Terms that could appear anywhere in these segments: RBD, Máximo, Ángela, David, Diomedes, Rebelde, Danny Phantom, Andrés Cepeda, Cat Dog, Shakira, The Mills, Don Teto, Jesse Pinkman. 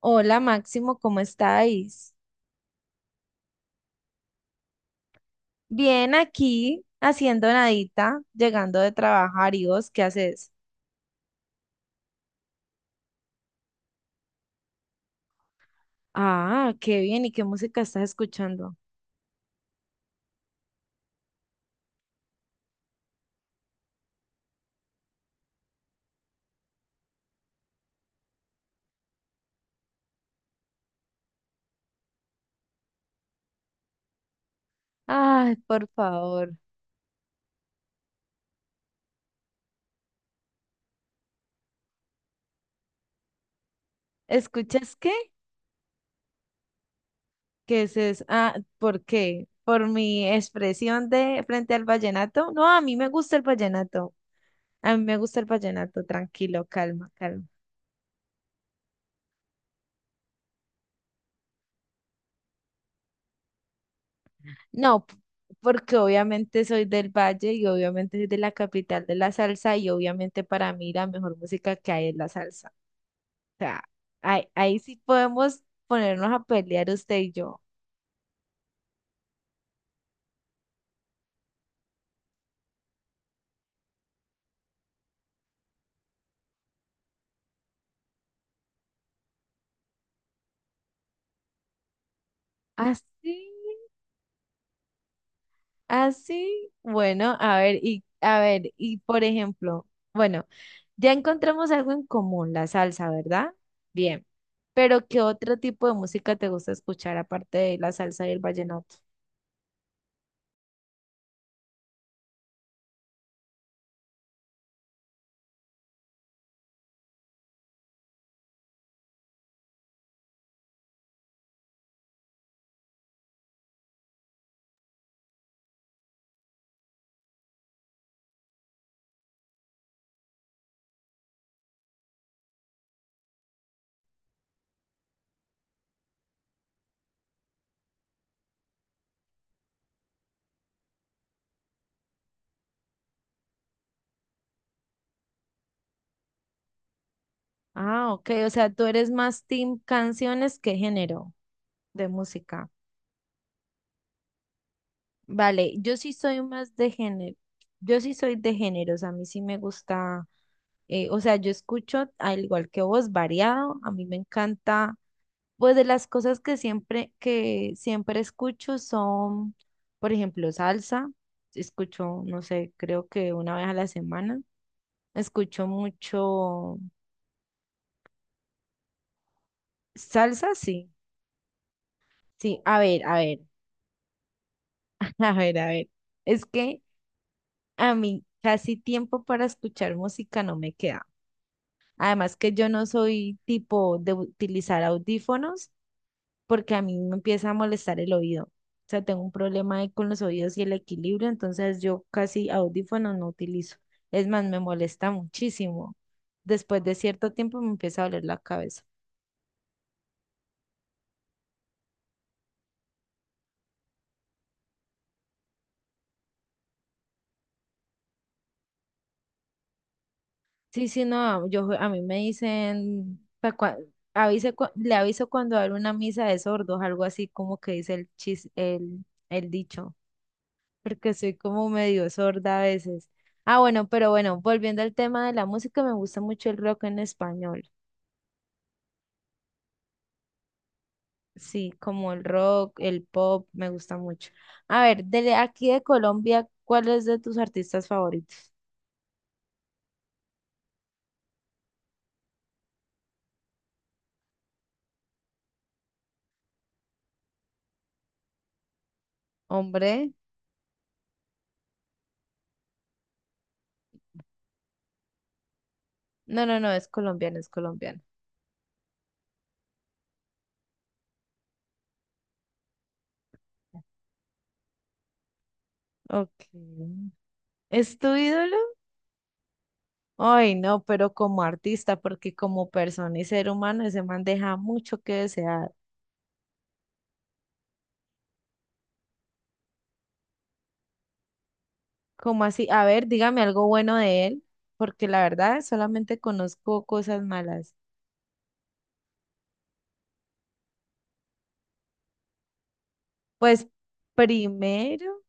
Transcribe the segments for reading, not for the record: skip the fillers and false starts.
Hola Máximo, ¿cómo estáis? Bien aquí, haciendo nadita, llegando de trabajar. ¿Y vos qué haces? Ah, qué bien. ¿Y qué música estás escuchando? Ay, por favor. ¿Escuchas qué? ¿Qué es eso? Ah, ¿por qué? ¿Por mi expresión de frente al vallenato? No, a mí me gusta el vallenato. A mí me gusta el vallenato. Tranquilo, calma, calma. No, porque obviamente soy del Valle y obviamente soy de la capital de la salsa y obviamente para mí la mejor música que hay es la salsa. O sea, ahí sí podemos ponernos a pelear usted y yo. Así, así. Bueno, a ver, y por ejemplo, bueno, ya encontramos algo en común, la salsa, ¿verdad? Bien. Pero ¿qué otro tipo de música te gusta escuchar aparte de la salsa y el vallenato? Ah, ok, o sea, tú eres más team canciones que género de música. Vale, yo sí soy más de género, yo sí soy de géneros, a mí sí me gusta, o sea, yo escucho, al igual que vos, variado, a mí me encanta, pues de las cosas que siempre escucho son, por ejemplo, salsa, escucho, no sé, creo que una vez a la semana, escucho mucho salsa, sí, sí, a ver, a ver, a ver. Es que a mí casi tiempo para escuchar música no me queda. Además que yo no soy tipo de utilizar audífonos porque a mí me empieza a molestar el oído. O sea, tengo un problema ahí con los oídos y el equilibrio, entonces yo casi audífonos no utilizo. Es más, me molesta muchísimo. Después de cierto tiempo me empieza a doler la cabeza. Sí, sí, no, yo a mí me dicen, pa' cua- avise cua- le aviso cuando habrá una misa de sordos, algo así como que dice el dicho. Porque soy como medio sorda a veces. Ah, bueno, pero bueno, volviendo al tema de la música, me gusta mucho el rock en español. Sí, como el rock, el pop, me gusta mucho. A ver, de aquí de Colombia, ¿cuál es de tus artistas favoritos? Hombre, no, no, no, es colombiano, es colombiano. Ok. ¿Es tu ídolo? Ay, no, pero como artista, porque como persona y ser humano, ese man deja mucho que desear. ¿Cómo así? A ver, dígame algo bueno de él, porque la verdad solamente conozco cosas malas. Pues primero,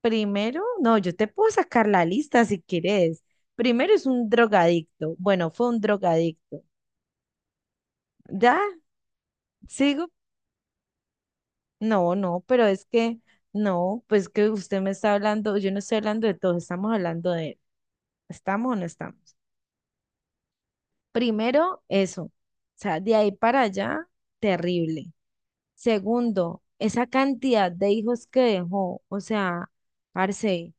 primero, no, yo te puedo sacar la lista si quieres. Primero es un drogadicto. Bueno, fue un drogadicto. ¿Ya? ¿Sigo? No, no, pero es que, no, pues que usted me está hablando, yo no estoy hablando de todos, estamos hablando de él. ¿Estamos o no estamos? Primero, eso. O sea, de ahí para allá, terrible. Segundo, esa cantidad de hijos que dejó, o sea, parce,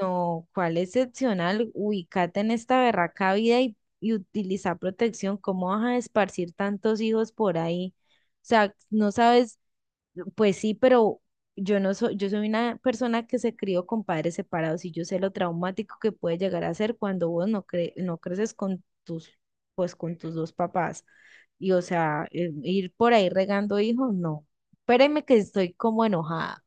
no, cuál excepcional, ubícate en esta berraca vida y utiliza protección, ¿cómo vas a esparcir tantos hijos por ahí? O sea, no sabes pues sí, pero yo no soy, yo soy una persona que se crió con padres separados y yo sé lo traumático que puede llegar a ser cuando vos no creces con tus, pues con tus dos papás. Y o sea, ir por ahí regando hijos, no. Espéreme que estoy como enojada.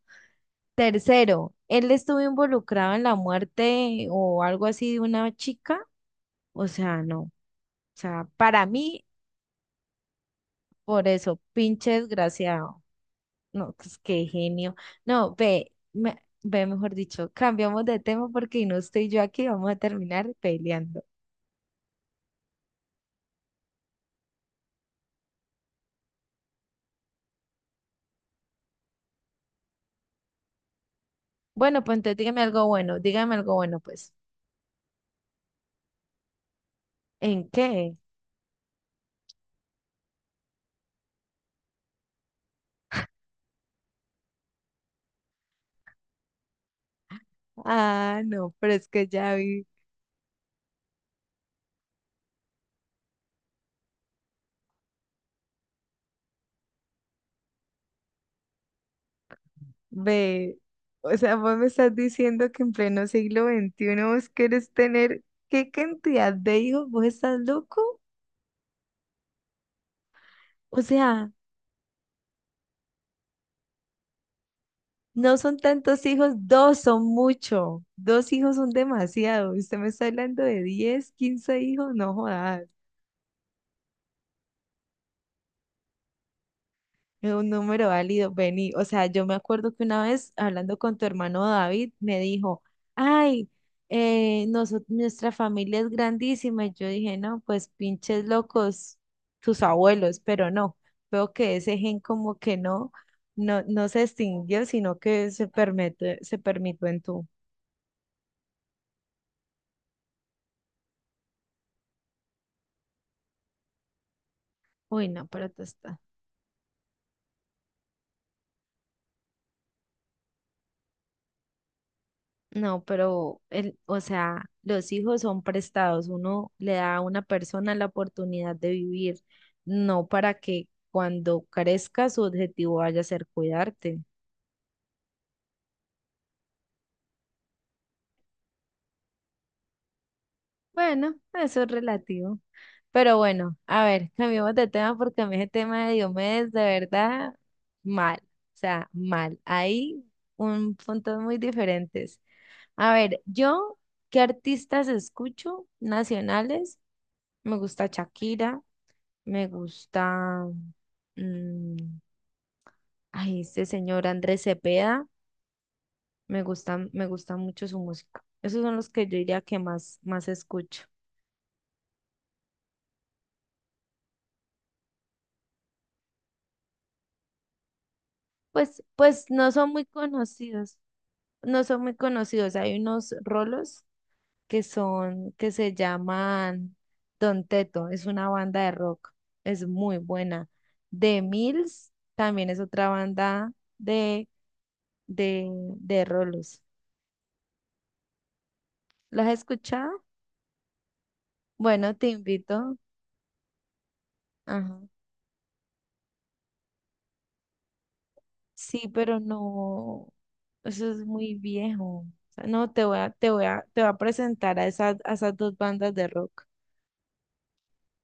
Tercero, él estuvo involucrado en la muerte o algo así de una chica. O sea, no. O sea, para mí, por eso, pinche desgraciado. No, pues qué genio. No, ve, mejor dicho, cambiamos de tema porque no estoy yo aquí, vamos a terminar peleando. Bueno, pues entonces dígame algo bueno, pues. ¿En qué? Ah, no, pero es que ya vi, ve, o sea, vos me estás diciendo que en pleno siglo XXI vos querés tener, ¿qué cantidad de hijos? ¿Vos estás loco? O sea... No son tantos hijos, dos son mucho. Dos hijos son demasiado. Usted me está hablando de 10, 15 hijos, no jodas. Es un número válido, vení. O sea, yo me acuerdo que una vez hablando con tu hermano David, me dijo, ay, nuestra familia es grandísima. Y yo dije, no, pues pinches locos, tus abuelos, pero no. Veo que ese gen como que no, no, no se extinguió, sino que se permite, se permitió en tú. Uy, no, pero tú estás. No, pero, el, o sea, los hijos son prestados. Uno le da a una persona la oportunidad de vivir, no para que cuando crezca su objetivo vaya a ser cuidarte. Bueno, eso es relativo. Pero bueno, a ver, cambiemos de tema porque a mí ese tema de, Diomedes, de verdad, mal. O sea, mal. Hay un puntos muy diferentes. A ver, yo, ¿qué artistas escucho nacionales? Me gusta Shakira. Me gusta, mm, ay, este señor Andrés Cepeda, me gusta mucho su música. Esos son los que yo diría que más, más escucho. Pues no son muy conocidos, no son muy conocidos. Hay unos rolos que son, que se llaman Don Teto, es una banda de rock, es muy buena. The Mills también es otra banda de, de, de rolos. ¿Las has escuchado? Bueno, te invito. Ajá. Sí, pero no, eso es muy viejo. O sea, no, te voy a, te voy a, te voy a presentar a esas dos bandas de rock.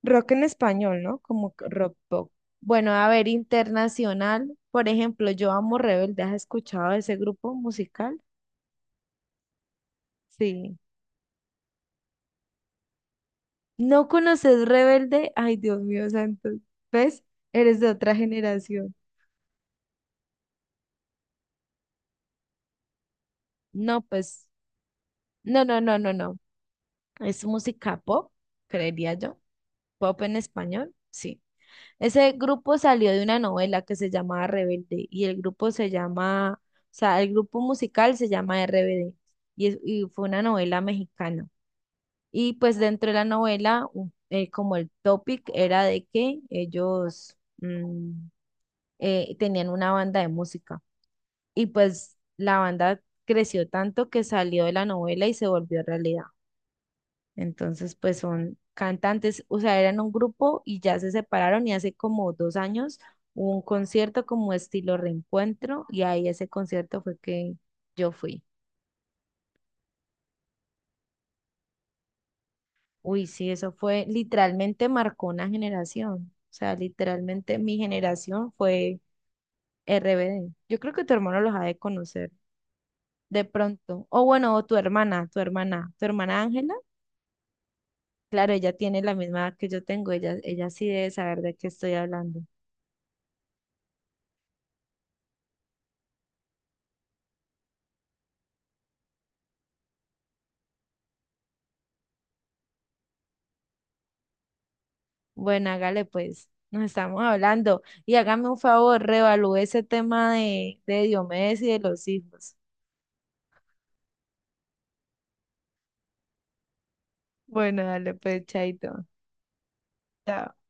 Rock en español, ¿no? Como que rock pop. Bueno, a ver, internacional, por ejemplo, yo amo Rebelde. ¿Has escuchado ese grupo musical? Sí. ¿No conoces Rebelde? Ay, Dios mío, santo. ¿Ves? Eres de otra generación. No, pues, no, no, no, no, no. Es música pop, creería yo. Pop en español, sí. Ese grupo salió de una novela que se llamaba Rebelde y el grupo se llama, o sea, el grupo musical se llama RBD y, y fue una novela mexicana. Y pues dentro de la novela, como el topic era de que ellos tenían una banda de música y pues la banda creció tanto que salió de la novela y se volvió realidad. Entonces, pues son cantantes, o sea, eran un grupo y ya se separaron y hace como 2 años hubo un concierto como estilo reencuentro y ahí ese concierto fue que yo fui. Uy, sí, eso fue, literalmente marcó una generación. O sea, literalmente mi generación fue RBD. Yo creo que tu hermano los ha de conocer de pronto. O bueno, o tu hermana, tu hermana Ángela. Claro, ella tiene la misma edad que yo tengo, ella sí debe saber de qué estoy hablando. Bueno, hágale pues, nos estamos hablando. Y hágame un favor, reevalúe ese tema de Diomedes y de los hijos. Bueno, dale, pues, chaito. Chao.